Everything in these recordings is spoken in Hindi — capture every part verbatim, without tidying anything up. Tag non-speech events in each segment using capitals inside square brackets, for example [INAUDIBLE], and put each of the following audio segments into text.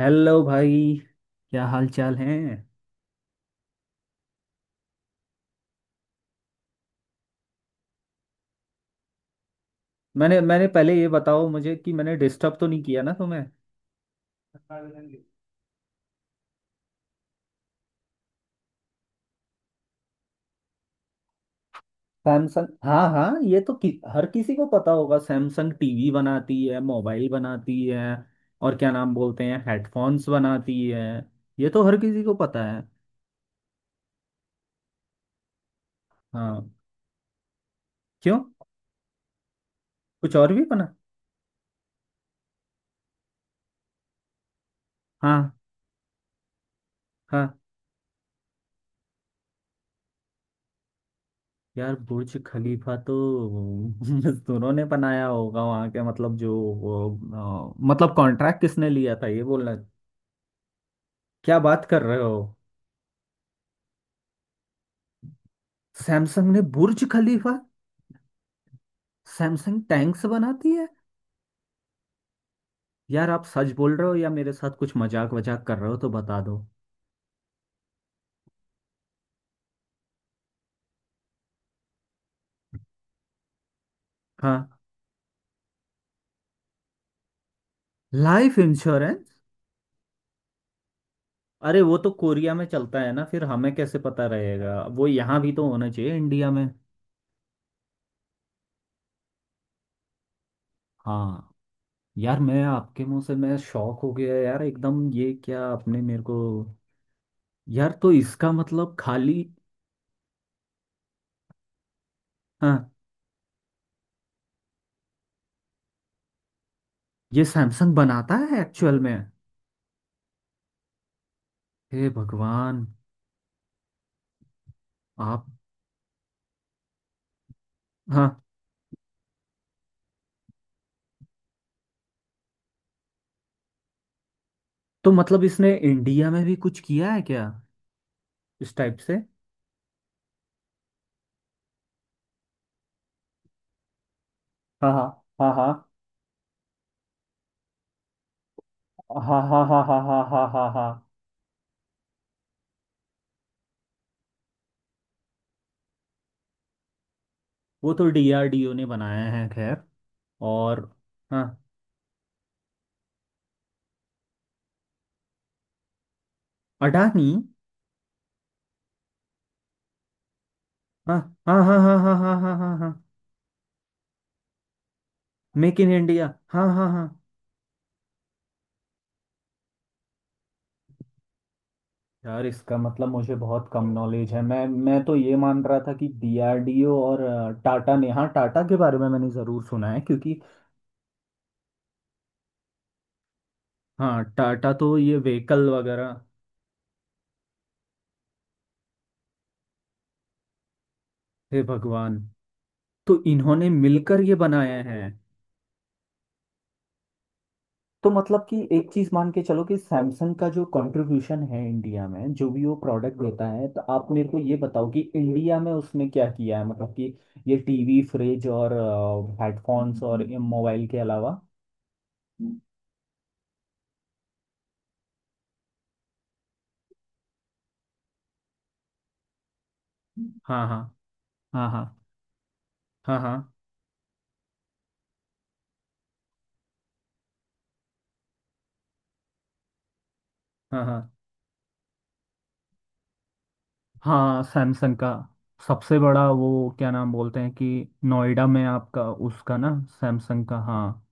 हेलो भाई। क्या हाल चाल है। मैंने मैंने पहले ये बताओ मुझे कि मैंने डिस्टर्ब तो नहीं किया ना तुम्हें। सैमसंग? हाँ हाँ, ये तो कि, हर किसी को पता होगा, सैमसंग टीवी बनाती है, मोबाइल बनाती है। और क्या नाम बोलते हैं, हेडफोन्स बनाती है। ये तो हर किसी को पता है। हाँ। क्यों? कुछ और भी बना? हाँ हाँ। यार, बुर्ज खलीफा तो [LAUGHS] मजदूरों ने बनाया होगा वहाँ के, मतलब जो वो, अ, मतलब कॉन्ट्रैक्ट किसने लिया था, ये बोलना। क्या बात कर रहे हो? सैमसंग ने बुर्ज खलीफा? सैमसंग टैंक्स बनाती है? यार आप सच बोल रहे हो या मेरे साथ कुछ मजाक वजाक कर रहे हो तो बता दो। हाँ। Life insurance? अरे वो तो कोरिया में चलता है ना, फिर हमें कैसे पता रहेगा? वो यहाँ भी तो होना चाहिए इंडिया में। हाँ। यार मैं आपके मुंह से मैं शॉक हो गया यार एकदम। ये क्या आपने मेरे को! यार तो इसका मतलब खाली। हाँ। ये सैमसंग बनाता है एक्चुअल में? हे भगवान। आप। हाँ। तो मतलब इसने इंडिया में भी कुछ किया है क्या? इस टाइप से? हाँ हाँ हाँ हाँ हाँ हाँ हाँ हाँ हाँ हाँ हाँ हाँ। वो तो डी आर डी ओ ने बनाया है खैर। और हाँ। अडानी? हाँ हाँ हाँ हाँ हाँ हाँ हाँ हाँ हाँ। Make in India. हाँ हाँ हाँ। यार इसका मतलब मुझे बहुत कम नॉलेज है। मैं मैं तो ये मान रहा था कि डी आर डी ओ और अ, टाटा ने। हाँ, टाटा के बारे में मैंने ज़रूर सुना है क्योंकि। हाँ, टाटा तो ये व्हीकल वगैरह। हे भगवान। तो इन्होंने मिलकर ये बनाए हैं? तो मतलब कि एक चीज मान के चलो कि सैमसंग का जो कंट्रीब्यूशन है इंडिया में, जो भी वो प्रोडक्ट देता है, तो आप मेरे को ये बताओ कि इंडिया में उसने क्या किया है, मतलब कि ये टीवी, फ्रिज और हेडफोन्स और मोबाइल के अलावा? हाँ हाँ हाँ हाँ हाँ हाँ हाँ हाँ हाँ। सैमसंग का सबसे बड़ा वो क्या नाम बोलते हैं, कि नोएडा में आपका उसका ना, सैमसंग का। हाँ।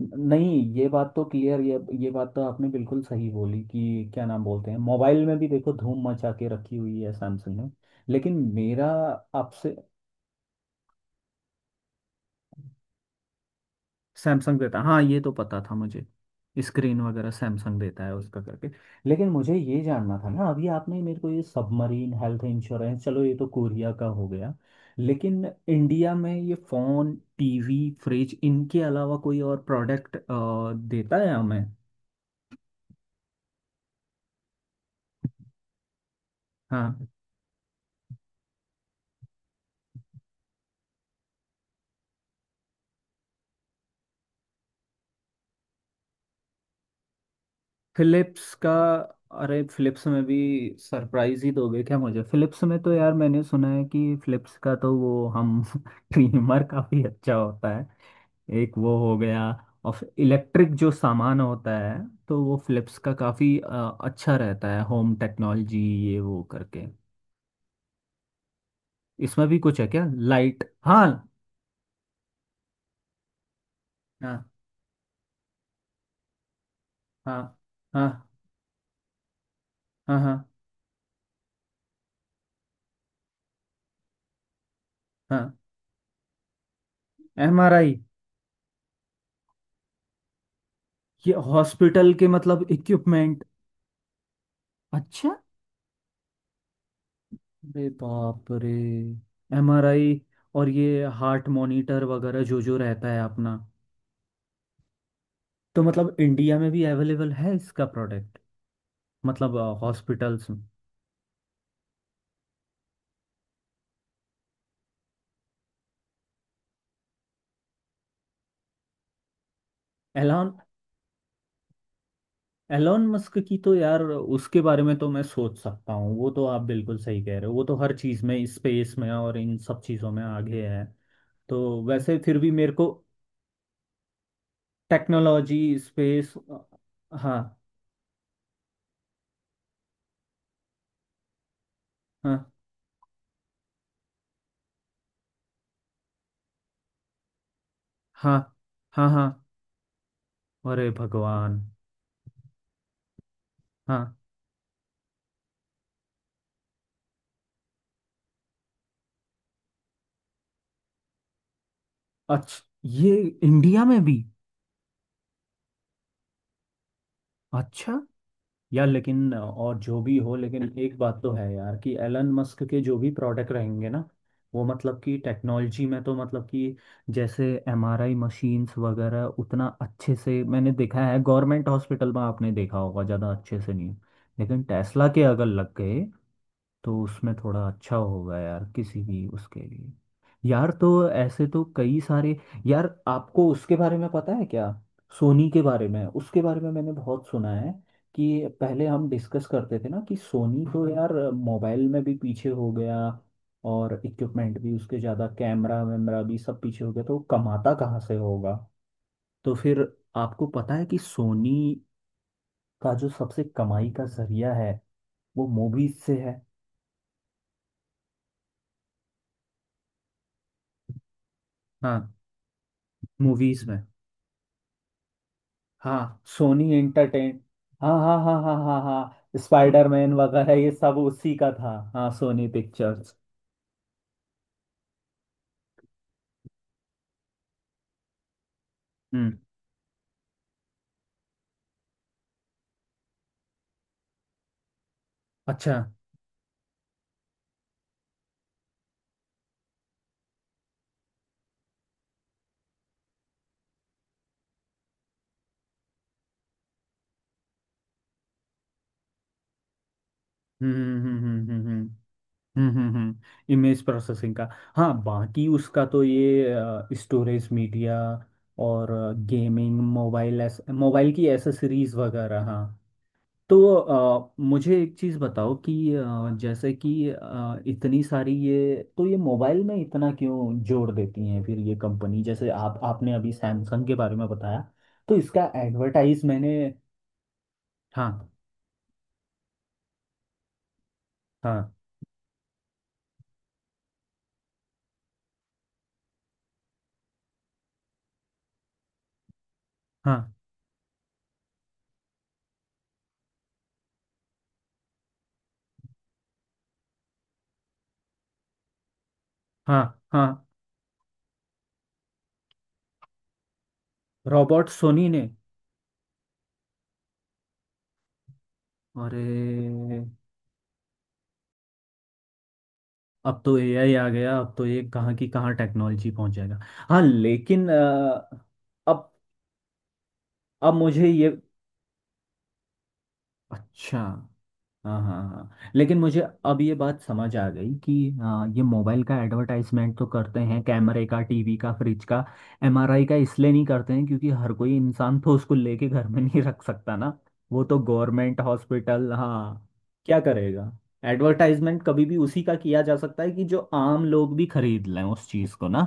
नहीं ये बात तो क्लियर, ये ये बात तो आपने बिल्कुल सही बोली कि क्या नाम बोलते हैं, मोबाइल में भी देखो धूम मचा के रखी हुई है सैमसंग ने। लेकिन मेरा आपसे। सैमसंग देता, हाँ, ये तो पता था मुझे। स्क्रीन वगैरह सैमसंग देता है उसका करके। लेकिन मुझे ये जानना था ना, अभी आपने मेरे को ये सबमरीन, हेल्थ इंश्योरेंस, चलो ये तो कोरिया का हो गया, लेकिन इंडिया में ये फोन, टीवी, फ्रिज इनके अलावा कोई और प्रोडक्ट देता है हमें? हाँ। फिलिप्स का? अरे फिलिप्स में भी सरप्राइज ही दोगे क्या मुझे? फिलिप्स में तो यार मैंने सुना है कि फिलिप्स का तो वो हम [LAUGHS] ट्रिमर काफी अच्छा होता है, एक वो हो गया, और इलेक्ट्रिक जो सामान होता है तो वो फिलिप्स का काफी अ, अच्छा रहता है, होम टेक्नोलॉजी, ये वो करके। इसमें भी कुछ है क्या? लाइट? हाँ। हाँ हाँ हाँ हाँ हाँ हाँ। M R I? ये हॉस्पिटल के मतलब इक्विपमेंट? अच्छा। अरे बाप रे। एम आर आई और ये हार्ट मॉनिटर वगैरह जो जो रहता है अपना, तो मतलब इंडिया में भी अवेलेबल है इसका प्रोडक्ट? मतलब हॉस्पिटल्स में? एलॉन? एलॉन मस्क की तो यार उसके बारे में तो मैं सोच सकता हूँ, वो तो आप बिल्कुल सही कह रहे हो, वो तो हर चीज़ में स्पेस में और इन सब चीज़ों में आगे है। तो वैसे फिर भी मेरे को। टेक्नोलॉजी। स्पेस। हाँ हाँ हाँ हाँ हाँ हाँ। अरे भगवान। हाँ। अच्छा। ये इंडिया में भी? अच्छा। यार लेकिन और जो भी हो, लेकिन एक बात तो है यार कि एलन मस्क के जो भी प्रोडक्ट रहेंगे ना, वो मतलब कि टेक्नोलॉजी में तो मतलब कि, जैसे एम आर आई मशीन्स वगैरह उतना अच्छे से मैंने देखा है गवर्नमेंट हॉस्पिटल में, आपने देखा होगा ज़्यादा अच्छे से नहीं। लेकिन टेस्ला के अगर लग गए तो उसमें थोड़ा अच्छा होगा यार, किसी भी उसके लिए। यार तो ऐसे तो कई सारे। यार आपको उसके बारे में पता है क्या, सोनी के बारे में? उसके बारे में मैंने बहुत सुना है कि पहले हम डिस्कस करते थे ना कि सोनी तो यार मोबाइल में भी पीछे हो गया, और इक्विपमेंट भी उसके ज़्यादा, कैमरा वैमरा भी सब पीछे हो गया, तो वो कमाता कहाँ से होगा? तो फिर, आपको पता है कि सोनी का जो सबसे कमाई का जरिया है वो मूवीज से है। हाँ। मूवीज में। हाँ, सोनी एंटरटेन। हाँ हाँ हाँ हाँ हाँ हाँ स्पाइडरमैन वगैरह ये सब उसी का था। हाँ, सोनी पिक्चर्स। हम्म। अच्छा। हम्म हम्म हम्म हम्म हम्म। हम्म हम्म हम्म हम्म, इमेज प्रोसेसिंग का। हाँ, बाकी उसका तो ये स्टोरेज मीडिया, और गेमिंग, मोबाइल, मोबाइल की एसेसरीज वगैरह। हाँ। तो अ, मुझे एक चीज़ बताओ कि अ, जैसे कि अ, इतनी सारी ये तो, ये मोबाइल में इतना क्यों जोड़ देती हैं फिर ये कंपनी, जैसे आप आपने अभी सैमसंग के बारे में बताया, तो इसका एडवर्टाइज मैंने। हाँ हाँ हाँ हाँ हाँ। रोबोट सोनी ने? अरे। अब तो ए आई आ गया, अब तो ये कहाँ की कहाँ टेक्नोलॉजी पहुंच जाएगा। हाँ लेकिन अ, अब अब मुझे ये। अच्छा। हाँ हाँ हाँ, लेकिन मुझे अब ये बात समझ आ गई कि हाँ, ये मोबाइल का एडवर्टाइजमेंट तो करते हैं, कैमरे का, टीवी का, फ्रिज का। एम आर आई का इसलिए नहीं करते हैं क्योंकि हर कोई इंसान तो उसको लेके घर में नहीं [LAUGHS] रख सकता ना। वो तो गवर्नमेंट हॉस्पिटल। हाँ, क्या करेगा? एडवर्टाइजमेंट कभी भी उसी का किया जा सकता है कि जो आम लोग भी खरीद लें उस चीज़ को ना।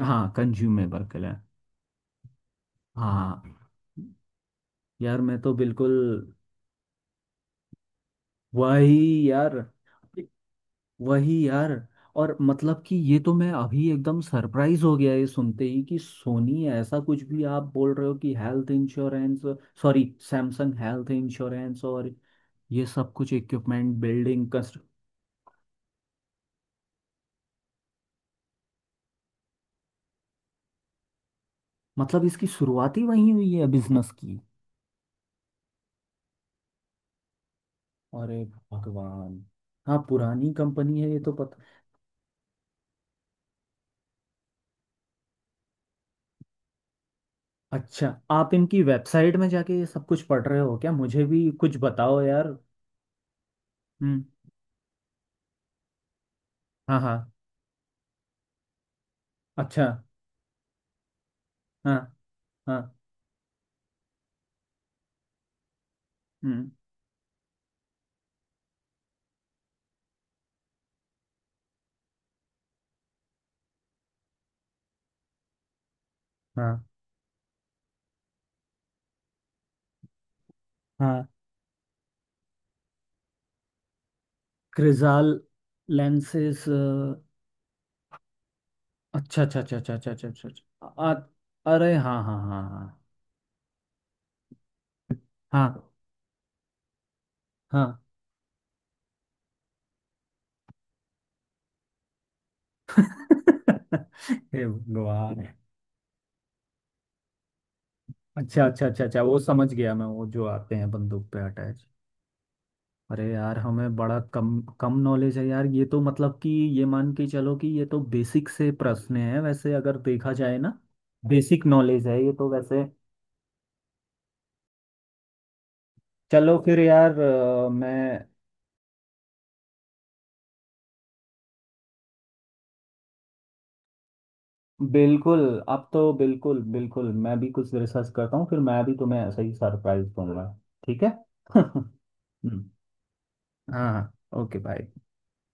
हाँ, कंज्यूमेबल के लिए। हाँ। यार मैं तो बिल्कुल। वही यार। वही यार। और मतलब कि ये तो मैं अभी एकदम सरप्राइज हो गया ये सुनते ही कि सोनी, ऐसा कुछ भी आप बोल रहे हो कि health insurance, sorry, Samsung health insurance और ये सब कुछ इक्विपमेंट बिल्डिंग कस्ट। मतलब इसकी शुरुआत ही वहीं हुई है बिजनेस की? अरे भगवान। हाँ, पुरानी कंपनी है ये तो पता। अच्छा, आप इनकी वेबसाइट में जाके ये सब कुछ पढ़ रहे हो क्या? मुझे भी कुछ बताओ यार। हम्म। हाँ हाँ। अच्छा। हाँ हाँ। हम्म। हाँ हाँ। Crizal lenses? अच्छा अच्छा अच्छा अच्छा अच्छा अच्छा अच्छा अच्छा। आ, अरे हाँ हाँ हाँ। हाँ हाँ हाँ। [LAUGHS] हे भगवान। अच्छा अच्छा अच्छा अच्छा, वो समझ गया मैं, वो जो आते हैं बंदूक पे अटैच। अरे यार, हमें बड़ा कम कम नॉलेज है यार, ये तो मतलब कि, ये मान के चलो कि ये तो बेसिक से प्रश्न है वैसे अगर देखा जाए ना। बेसिक नॉलेज है ये तो वैसे। चलो फिर यार, अ, मैं बिल्कुल। अब तो बिल्कुल बिल्कुल मैं भी कुछ रिसर्च करता हूँ, फिर मैं भी तुम्हें ऐसा ही सरप्राइज दूंगा। ठीक है। [LAUGHS] हम्म। हाँ, ओके बाय।